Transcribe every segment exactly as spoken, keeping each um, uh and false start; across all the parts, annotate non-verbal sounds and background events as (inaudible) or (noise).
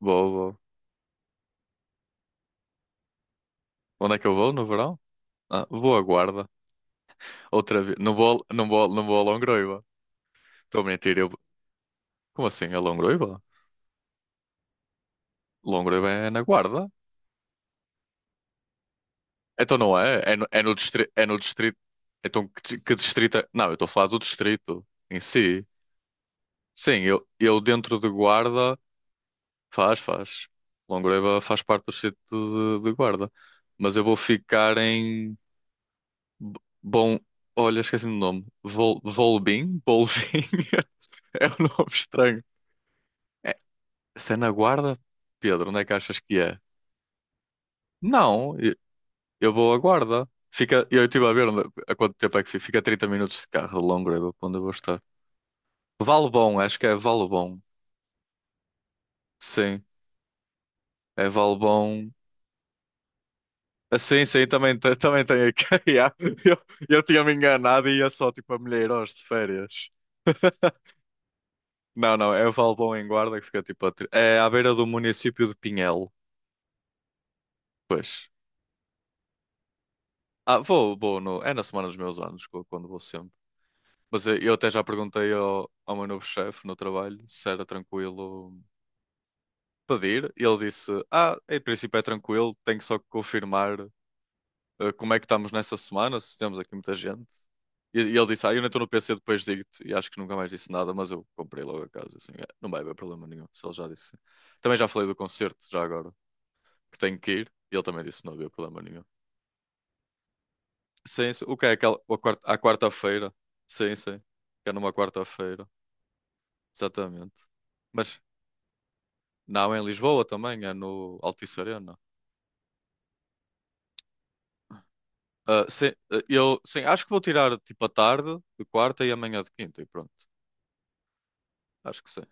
Vou, vou. Onde é que eu vou no verão? Ah, vou à Guarda. Outra vez. Não vou, não vou, não vou a Longroiva. Estou a mentir. Eu... Como assim a Longroiva? Longroiva é na Guarda. Então não é? É no, é no, distrito é no distrito. Então que, di- que distrito é? Não, eu estou a falar do distrito em si. Sim, eu, eu dentro de Guarda. Faz, faz. Longroiva faz parte do distrito de, de Guarda. Mas eu vou ficar em. B- Bom. Olha, esqueci-me do nome. Vol... Volbim? Bolvim? (laughs) (laughs) É um nome estranho. É, se é na Guarda? Pedro, onde é que achas que é? Não, eu eu vou à Guarda. Fica, eu estive a ver onde- a quanto tempo é que fica. Fica trinta minutos de carro de Longreva, para onde eu vou estar. Valbom, acho que é Valbom. Sim, é Valbom. Ah, sim, sim, também, te- também tem aqui. (laughs) Yeah. Eu, eu tinha-me enganado e ia só tipo a Milheiros de férias. (laughs) Não, não, é Valbom em Guarda que fica tipo a, tri- é à beira do município de Pinhel. Pois, ah, vou, vou no, é na semana dos meus anos, co- quando vou sempre. Mas eu eu até já perguntei ao, ao meu novo chefe no trabalho se era tranquilo pedir. E ele disse: Ah, em princípio é tranquilo, tenho só que confirmar eh, como é que estamos nessa semana, se temos aqui muita gente. E, e ele disse: Ah, eu não estou no P C, depois digo-te. E acho que nunca mais disse nada, mas eu comprei logo a casa. Assim, "É, não vai haver problema nenhum, se ele já disse. Também já falei do concerto, já agora, que tenho que ir. E ele também disse: Não havia problema nenhum. Sim, sim. O que é aquela? a quar- à quarta-feira. Sim, sim. Que é numa quarta-feira. Exatamente. Mas não, é em Lisboa também, é no Altice Arena. Ah, sim, ah, eu sim, acho que vou tirar tipo a tarde de quarta e amanhã de quinta e pronto. Acho que sim.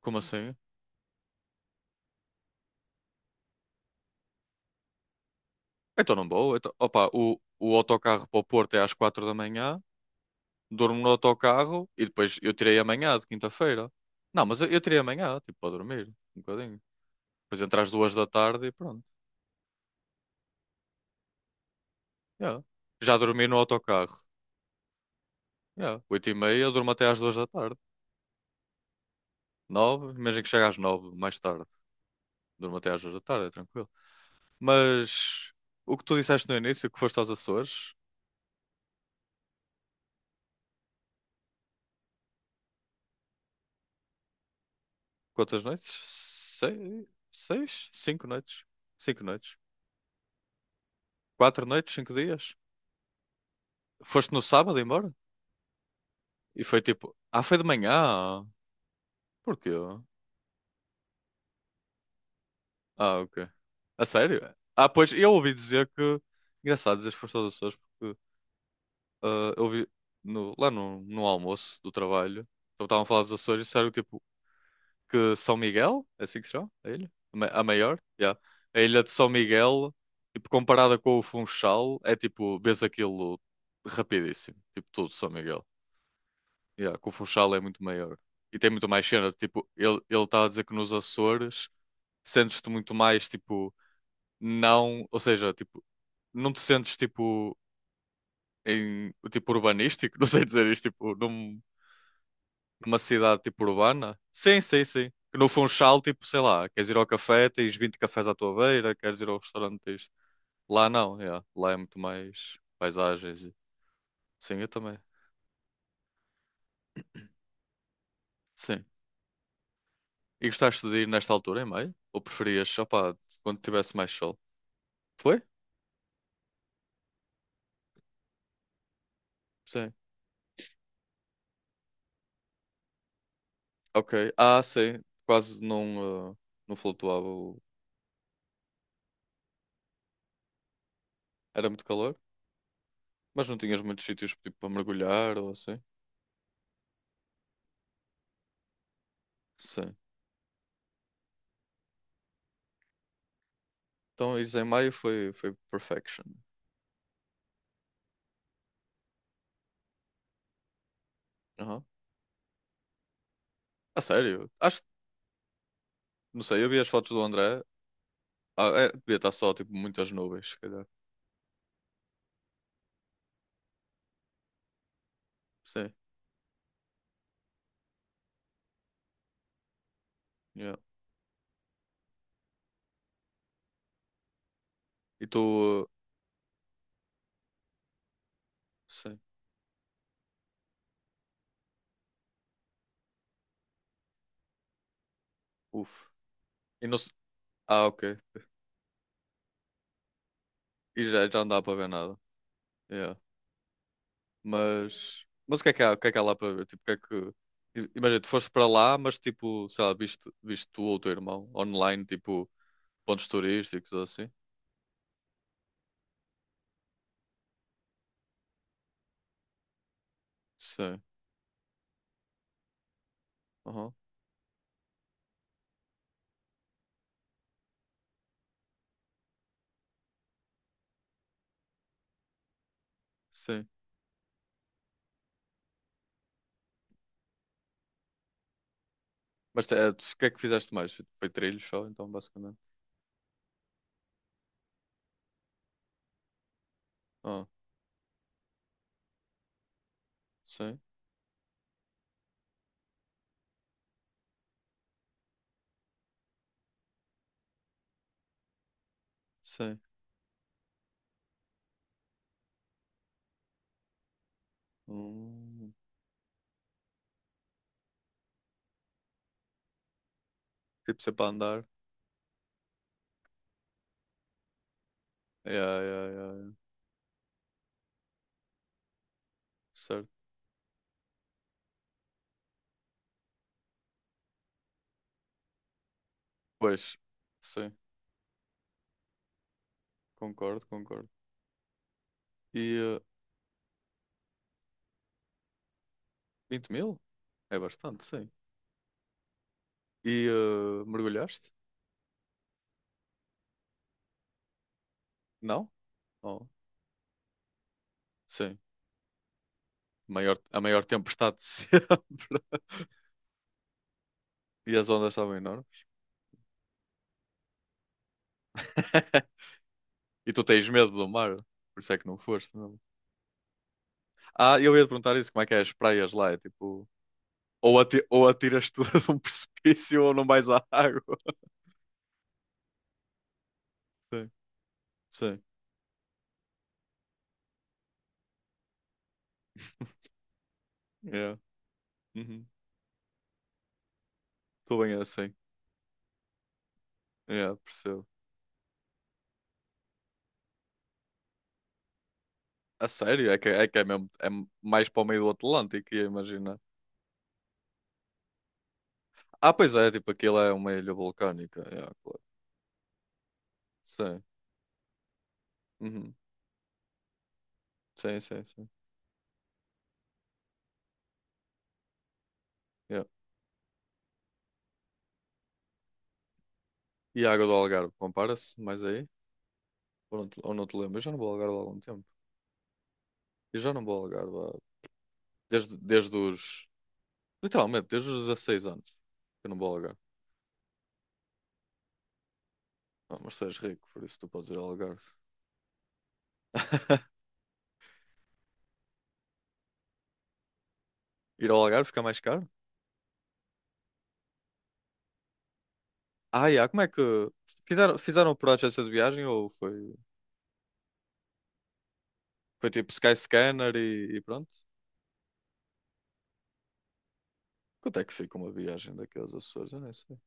Como assim? Então não vou. Então, opa, o, o autocarro para o Porto é às quatro da manhã, durmo no autocarro e depois eu tirei amanhã de quinta-feira. Não, mas eu, eu tirei amanhã, tipo, para dormir, um bocadinho. Depois entre às duas da tarde e pronto. Yeah. Já dormi no autocarro. Yeah. Oito e meia, eu durmo até às duas da tarde. Nove, imagina que chega às nove mais tarde. Durmo até às duas da tarde, é tranquilo. Mas o que tu disseste no início, que foste aos Açores, quantas noites? seis? Seis cinco noites. Cinco noites. Quatro noites, cinco dias. Foste no sábado embora? E foi tipo, ah, foi de manhã. Porquê? Ah, ok. A sério? Ah, pois eu ouvi dizer que. Engraçado dizer que foste aos Açores, porque ah, eu vi no- lá no, no almoço do trabalho, então estavam a falar dos Açores e disseram tipo, que São Miguel, é assim que se chama? A ilha? A ma- a maior? Yeah. A ilha de São Miguel, tipo, comparada com o Funchal, é tipo, vês aquilo rapidíssimo, tipo, tudo São Miguel. Yeah, que o Funchal é muito maior. E tem muito mais cena, tipo, ele ele estava a dizer que nos Açores sentes-te muito mais, tipo, não, ou seja, tipo, não te sentes, tipo, em, tipo, urbanístico, (laughs) não sei dizer isto, tipo, não. Numa cidade tipo urbana? Sim, sim, sim. Que no Funchal, tipo, sei lá, queres ir ao café, tens vinte cafés à tua beira, queres ir ao restaurante, tens... Lá não, yeah. Lá é muito mais paisagens. E- Sim, eu também. Sim. E gostaste de ir nesta altura, em maio? Ou preferias, opá, quando tivesse mais sol? Foi? Sim. Ok. Ah, sim. Quase não, ah, não flutuava. O- Era muito calor, mas não tinhas muitos sítios, tipo, para mergulhar ou assim. Sim. Então, ires em maio foi, foi, perfection. Aham. A sério? Acho. Não sei, eu vi as fotos do André. Ah, é, devia estar só, tipo, muitas nuvens, se calhar. Sim, yeah. E tu... uh, Sim, uff. E não... se- Ah, ok. E já, já não dá para ver nada. Yeah. Mas... Mas o que é que há, o que é que há lá para ver? Tipo, o que é que... I- Imagina, tu foste para lá, mas tipo, sei lá, viste, viste tu ou o teu irmão online, tipo, pontos turísticos ou assim? Sim. Uhum. Sim. Mas te- é tu- o que é que fizeste mais? Foi trilhos só, então, basicamente. Ah, sim, sim. Hum. Tipo, sempre a andar. Yeah, yeah, yeah, yeah. Certo. Pois, sim, concordo, concordo. E eh, vinte mil? É bastante, sim. E eh, mergulhaste? Não? Oh, sim. Maior, a maior tempestade de sempre. (laughs) E as ondas estavam enormes. (laughs) E tu tens medo do mar, por isso é que não foste mesmo. Ah, eu ia te perguntar isso, como é que é as praias lá? É tipo, ou, ati ou atiras tudo (laughs) de um precipício ou não vais à água. Sim, sim. Yeah. Uhum. Estou bem é assim. Yeah, percebo. A sério? É que é, que é mesmo. É mais para o meio do Atlântico, ia imaginar. Ah, pois é, tipo, aquilo é uma ilha vulcânica. Yeah, claro. Sim. Uhum. Sim, sim, sim. Yeah. E a água do Algarve, compara-se mais aí? Ou não te, ou não te lembro? Eu já não vou ao Algarve há algum tempo. Eu já não vou ao Algarve há- desde, desde os. Literalmente, desde os dezesseis anos, que eu não vou ao Algarve. Ah, mas tu és rico, por isso tu podes ir ao Algarve. (laughs) Ir ao Algarve fica mais caro? Ah, yeah, como é que. Fizeram, fizeram por agência de viagem ou foi. Foi tipo Skyscanner e, e pronto. Quanto é que fica uma viagem daqui aos Açores? Eu nem sei.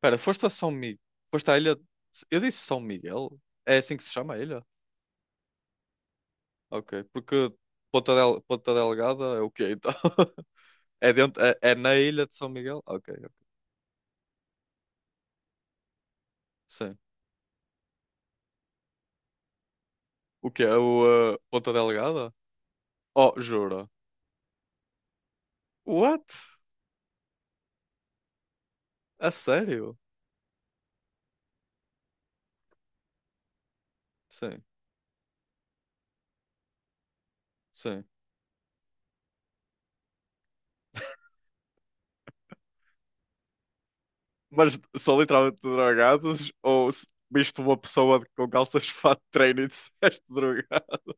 Pera foste a São Miguel. Foste à ilha. De- Eu disse São Miguel? É assim que se chama a ilha? Ok, porque. Ponta, Del... Ponta Delgada é o quê então? (laughs) É, dentro... é, é na ilha de São Miguel? Ok, ok. Sim. O quê? É o uh, Ponta Delgada? Oh, jura. What? A sério? Sim, sim. Mas são literalmente drogados ou s- Viste uma pessoa de- com calças (laughs) de fato de treino e disseste drogado?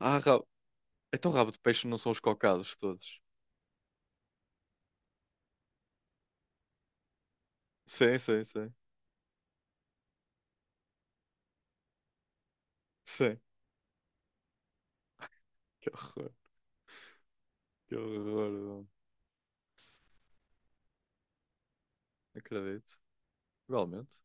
Ah, rabo. Então rabo de peixe não são os cocados todos. Sim, sim, sim. Sim. Que horror. Que horror, mano. Acredito. Realmente.